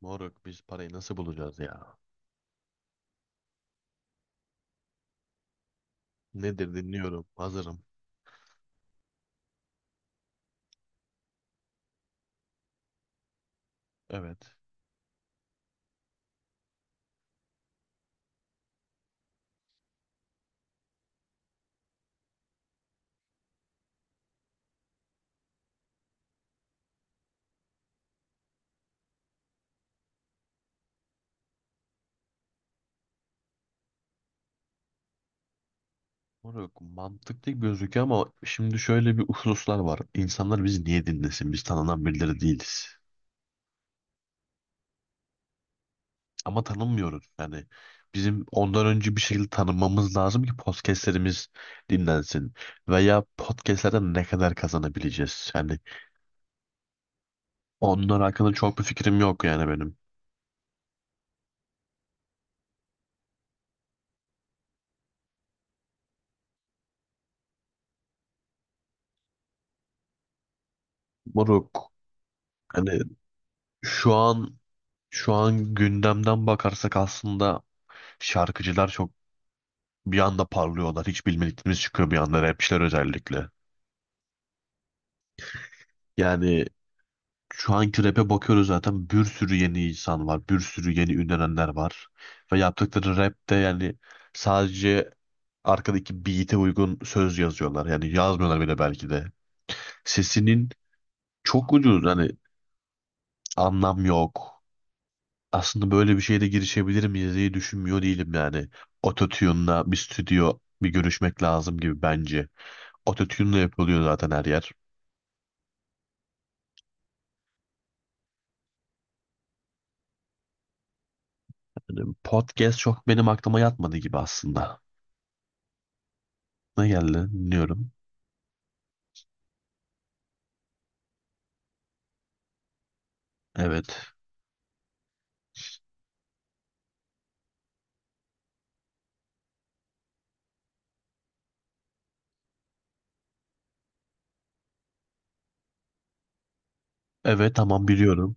Moruk biz parayı nasıl bulacağız ya? Nedir dinliyorum. Hazırım. Evet. Moruk mantıklı gözüküyor ama şimdi şöyle bir hususlar var. İnsanlar bizi niye dinlesin? Biz tanınan birileri değiliz. Ama tanınmıyoruz. Yani bizim ondan önce bir şekilde tanınmamız lazım ki podcastlerimiz dinlensin. Veya podcastlerden ne kadar kazanabileceğiz? Yani onlar hakkında çok bir fikrim yok yani benim. Moruk, hani şu an şu an gündemden bakarsak aslında şarkıcılar çok bir anda parlıyorlar. Hiç bilmediklerimiz çıkıyor bir anda, rapçiler özellikle. Yani şu anki rap'e bakıyoruz, zaten bir sürü yeni insan var. Bir sürü yeni ünlenenler var. Ve yaptıkları rap de yani sadece arkadaki beat'e uygun söz yazıyorlar. Yani yazmıyorlar bile belki de. Sesinin çok ucuz. Hani anlam yok. Aslında böyle bir şeyde girişebilir miyiz diye düşünmüyor değilim yani. Ototune'la bir stüdyo bir görüşmek lazım gibi bence. Ototune'la yapılıyor zaten her yer. Yani podcast çok benim aklıma yatmadı gibi aslında. Ne geldi? Dinliyorum. Evet. Evet, tamam, biliyorum.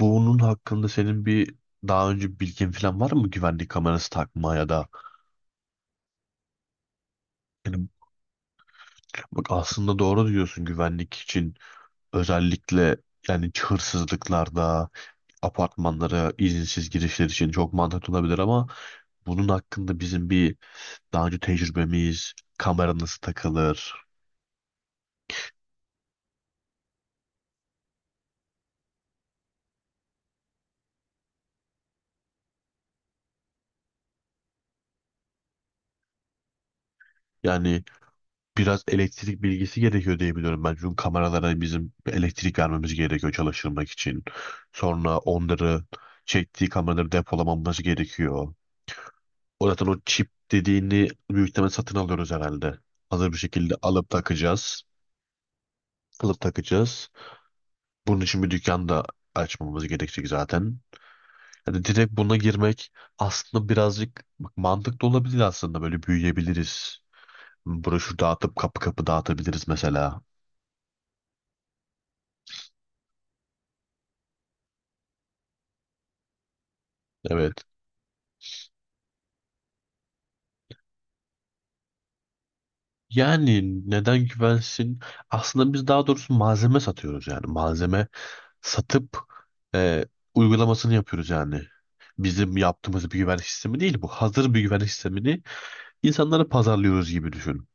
Bunun hakkında senin bir daha önce bilgin falan var mı, güvenlik kamerası takma ya da... Yani bak, aslında doğru diyorsun, güvenlik için, özellikle yani hırsızlıklarda, apartmanlara izinsiz girişler için çok mantıklı olabilir ama bunun hakkında bizim bir daha önce tecrübemiz, kamera nasıl takılır... Yani biraz elektrik bilgisi gerekiyor diye biliyorum ben. Çünkü kameralara bizim elektrik vermemiz gerekiyor çalıştırmak için. Sonra onları çektiği kameraları depolamamız gerekiyor. O zaten, o çip dediğini büyük ihtimal satın alıyoruz herhalde. Hazır bir şekilde alıp takacağız. Alıp takacağız. Bunun için bir dükkan da açmamız gerekecek zaten. Yani direkt buna girmek aslında birazcık, bak, mantıklı olabilir, aslında böyle büyüyebiliriz. Broşür dağıtıp kapı kapı dağıtabiliriz mesela. Evet. Yani neden güvensin? Aslında biz daha doğrusu malzeme satıyoruz yani. Malzeme satıp e, uygulamasını yapıyoruz yani. Bizim yaptığımız bir güvenlik sistemi değil bu. Hazır bir güvenlik sistemini insanlara pazarlıyoruz gibi düşün.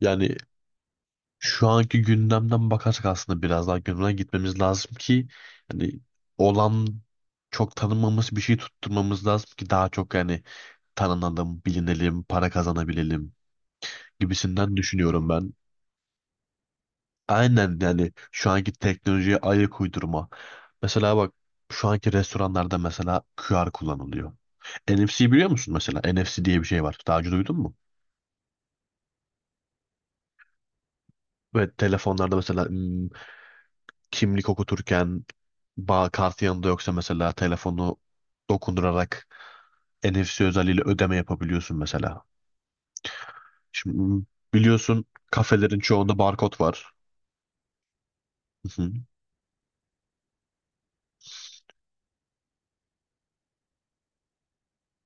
Yani şu anki gündemden bakarsak aslında biraz daha gündemden gitmemiz lazım ki yani olan çok tanınmamış bir şey tutturmamız lazım ki daha çok yani tanınalım, bilinelim, para kazanabilelim gibisinden düşünüyorum ben. Aynen yani şu anki teknolojiye ayak uydurma. Mesela bak, şu anki restoranlarda mesela QR kullanılıyor. NFC biliyor musun mesela? NFC diye bir şey var. Daha önce duydun mu? Ve telefonlarda mesela kimlik okuturken bağ kartı yanında yoksa mesela telefonu dokundurarak NFC özelliğiyle ödeme yapabiliyorsun mesela. Şimdi biliyorsun kafelerin çoğunda barkod var. Hı hı.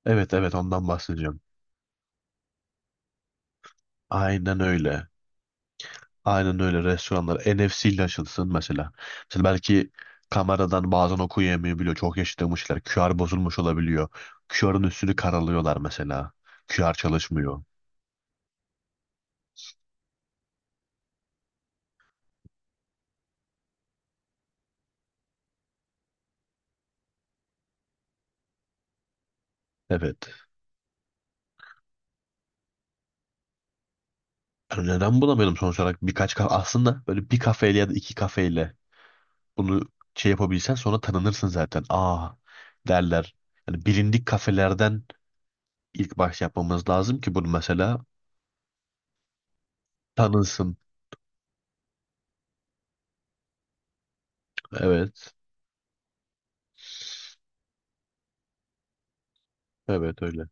Evet, evet, ondan bahsedeceğim. Aynen öyle. Aynen öyle, restoranlar NFC ile açılsın mesela. Mesela belki kameradan bazen okuyamayabiliyor. Çok yaşlanmışlar. QR bozulmuş olabiliyor. QR'ın üstünü karalıyorlar mesela. QR çalışmıyor. Evet. Yani neden bulamayalım? Sonuç olarak birkaç kafe, aslında böyle bir kafeyle ya da iki kafeyle bunu şey yapabilsen sonra tanınırsın zaten. Aa derler. Yani bilindik kafelerden ilk baş yapmamız lazım ki bunu mesela tanınsın. Evet. Evet öyle.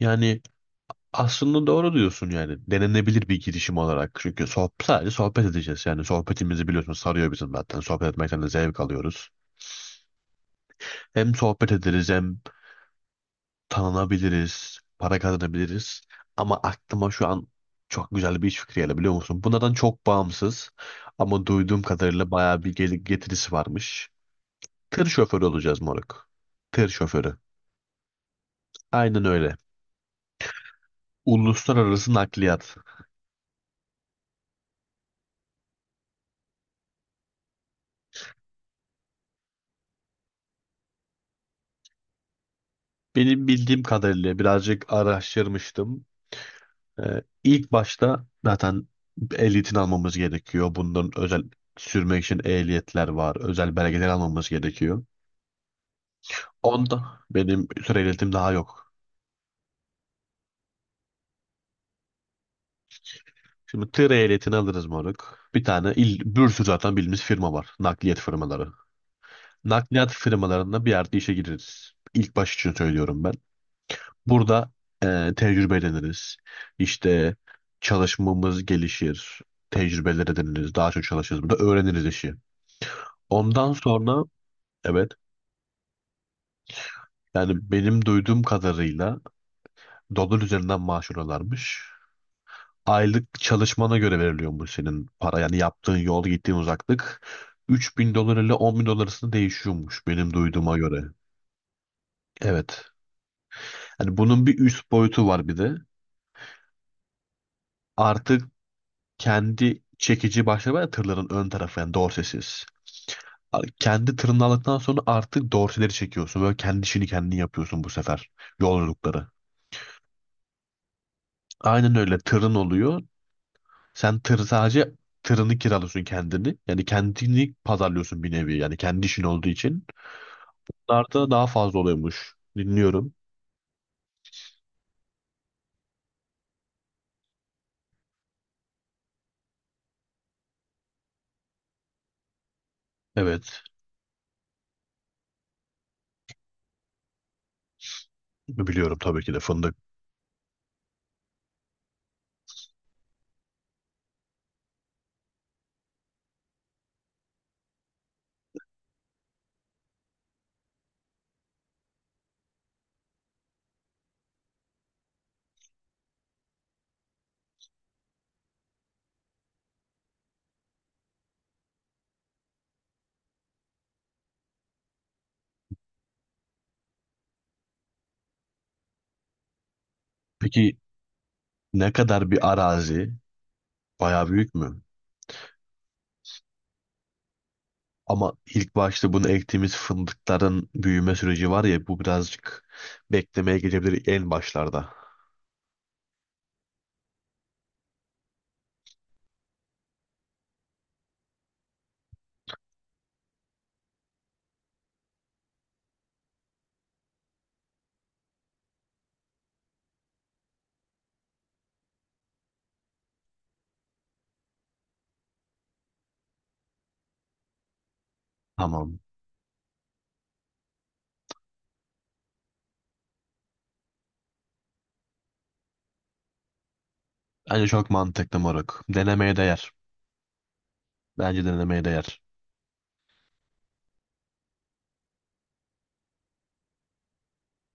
Yani aslında doğru diyorsun yani. Denenebilir bir girişim olarak. Çünkü sohbet, sadece sohbet edeceğiz. Yani sohbetimizi biliyorsun sarıyor bizim zaten. Sohbet etmekten de zevk alıyoruz. Hem sohbet ederiz hem tanınabiliriz. Para kazanabiliriz. Ama aklıma şu an çok güzel bir iş fikri geldi, biliyor musun? Bunlardan çok bağımsız. Ama duyduğum kadarıyla bayağı bir getirisi varmış. Tır şoförü olacağız moruk. Tır şoförü. Aynen öyle. Uluslararası nakliyat. Benim bildiğim kadarıyla birazcık araştırmıştım. İlk başta zaten ehliyetini almamız gerekiyor. Bunların özel sürmek için ehliyetler var. Özel belgeler almamız gerekiyor. Onda benim tır ehliyetim daha yok. Şimdi tır ehliyetini alırız moruk. Bir tane il, bir sürü zaten bildiğimiz firma var. Nakliyat firmaları. Nakliyat firmalarında bir yerde işe gireriz. İlk baş için söylüyorum ben. Burada tecrübe ediniriz. İşte çalışmamız gelişir. Tecrübeler ediniriz. Daha çok çalışırız. Burada öğreniriz işi. Ondan sonra... Evet. Yani benim duyduğum kadarıyla dolar üzerinden maaş alıyorlarmış. Aylık çalışmana göre veriliyormuş senin para. Yani yaptığın yol, gittiğin uzaklık $3.000 ile 10 bin dolar arasında değişiyormuş benim duyduğuma göre. Evet. Yani bunun bir üst boyutu var bir de. Artık kendi çekici başları var ya tırların, ön tarafı yani dorsesiz. Kendi tırını aldıktan sonra artık dorseleri çekiyorsun. Böyle kendi işini kendin yapıyorsun bu sefer. Yolculukları. Aynen öyle, tırın oluyor. Sen tır sadece tırını kiralıyorsun kendini. Yani kendini pazarlıyorsun bir nevi. Yani kendi işin olduğu için bunlarda daha fazla oluyormuş. Dinliyorum. Evet. Biliyorum tabii ki de fındık. Peki ne kadar bir arazi? Bayağı büyük mü? Ama ilk başta bunu ektiğimiz fındıkların büyüme süreci var ya bu birazcık beklemeye gelebilir en başlarda. Tamam. Bence çok mantıklı moruk. Denemeye değer. Bence denemeye değer.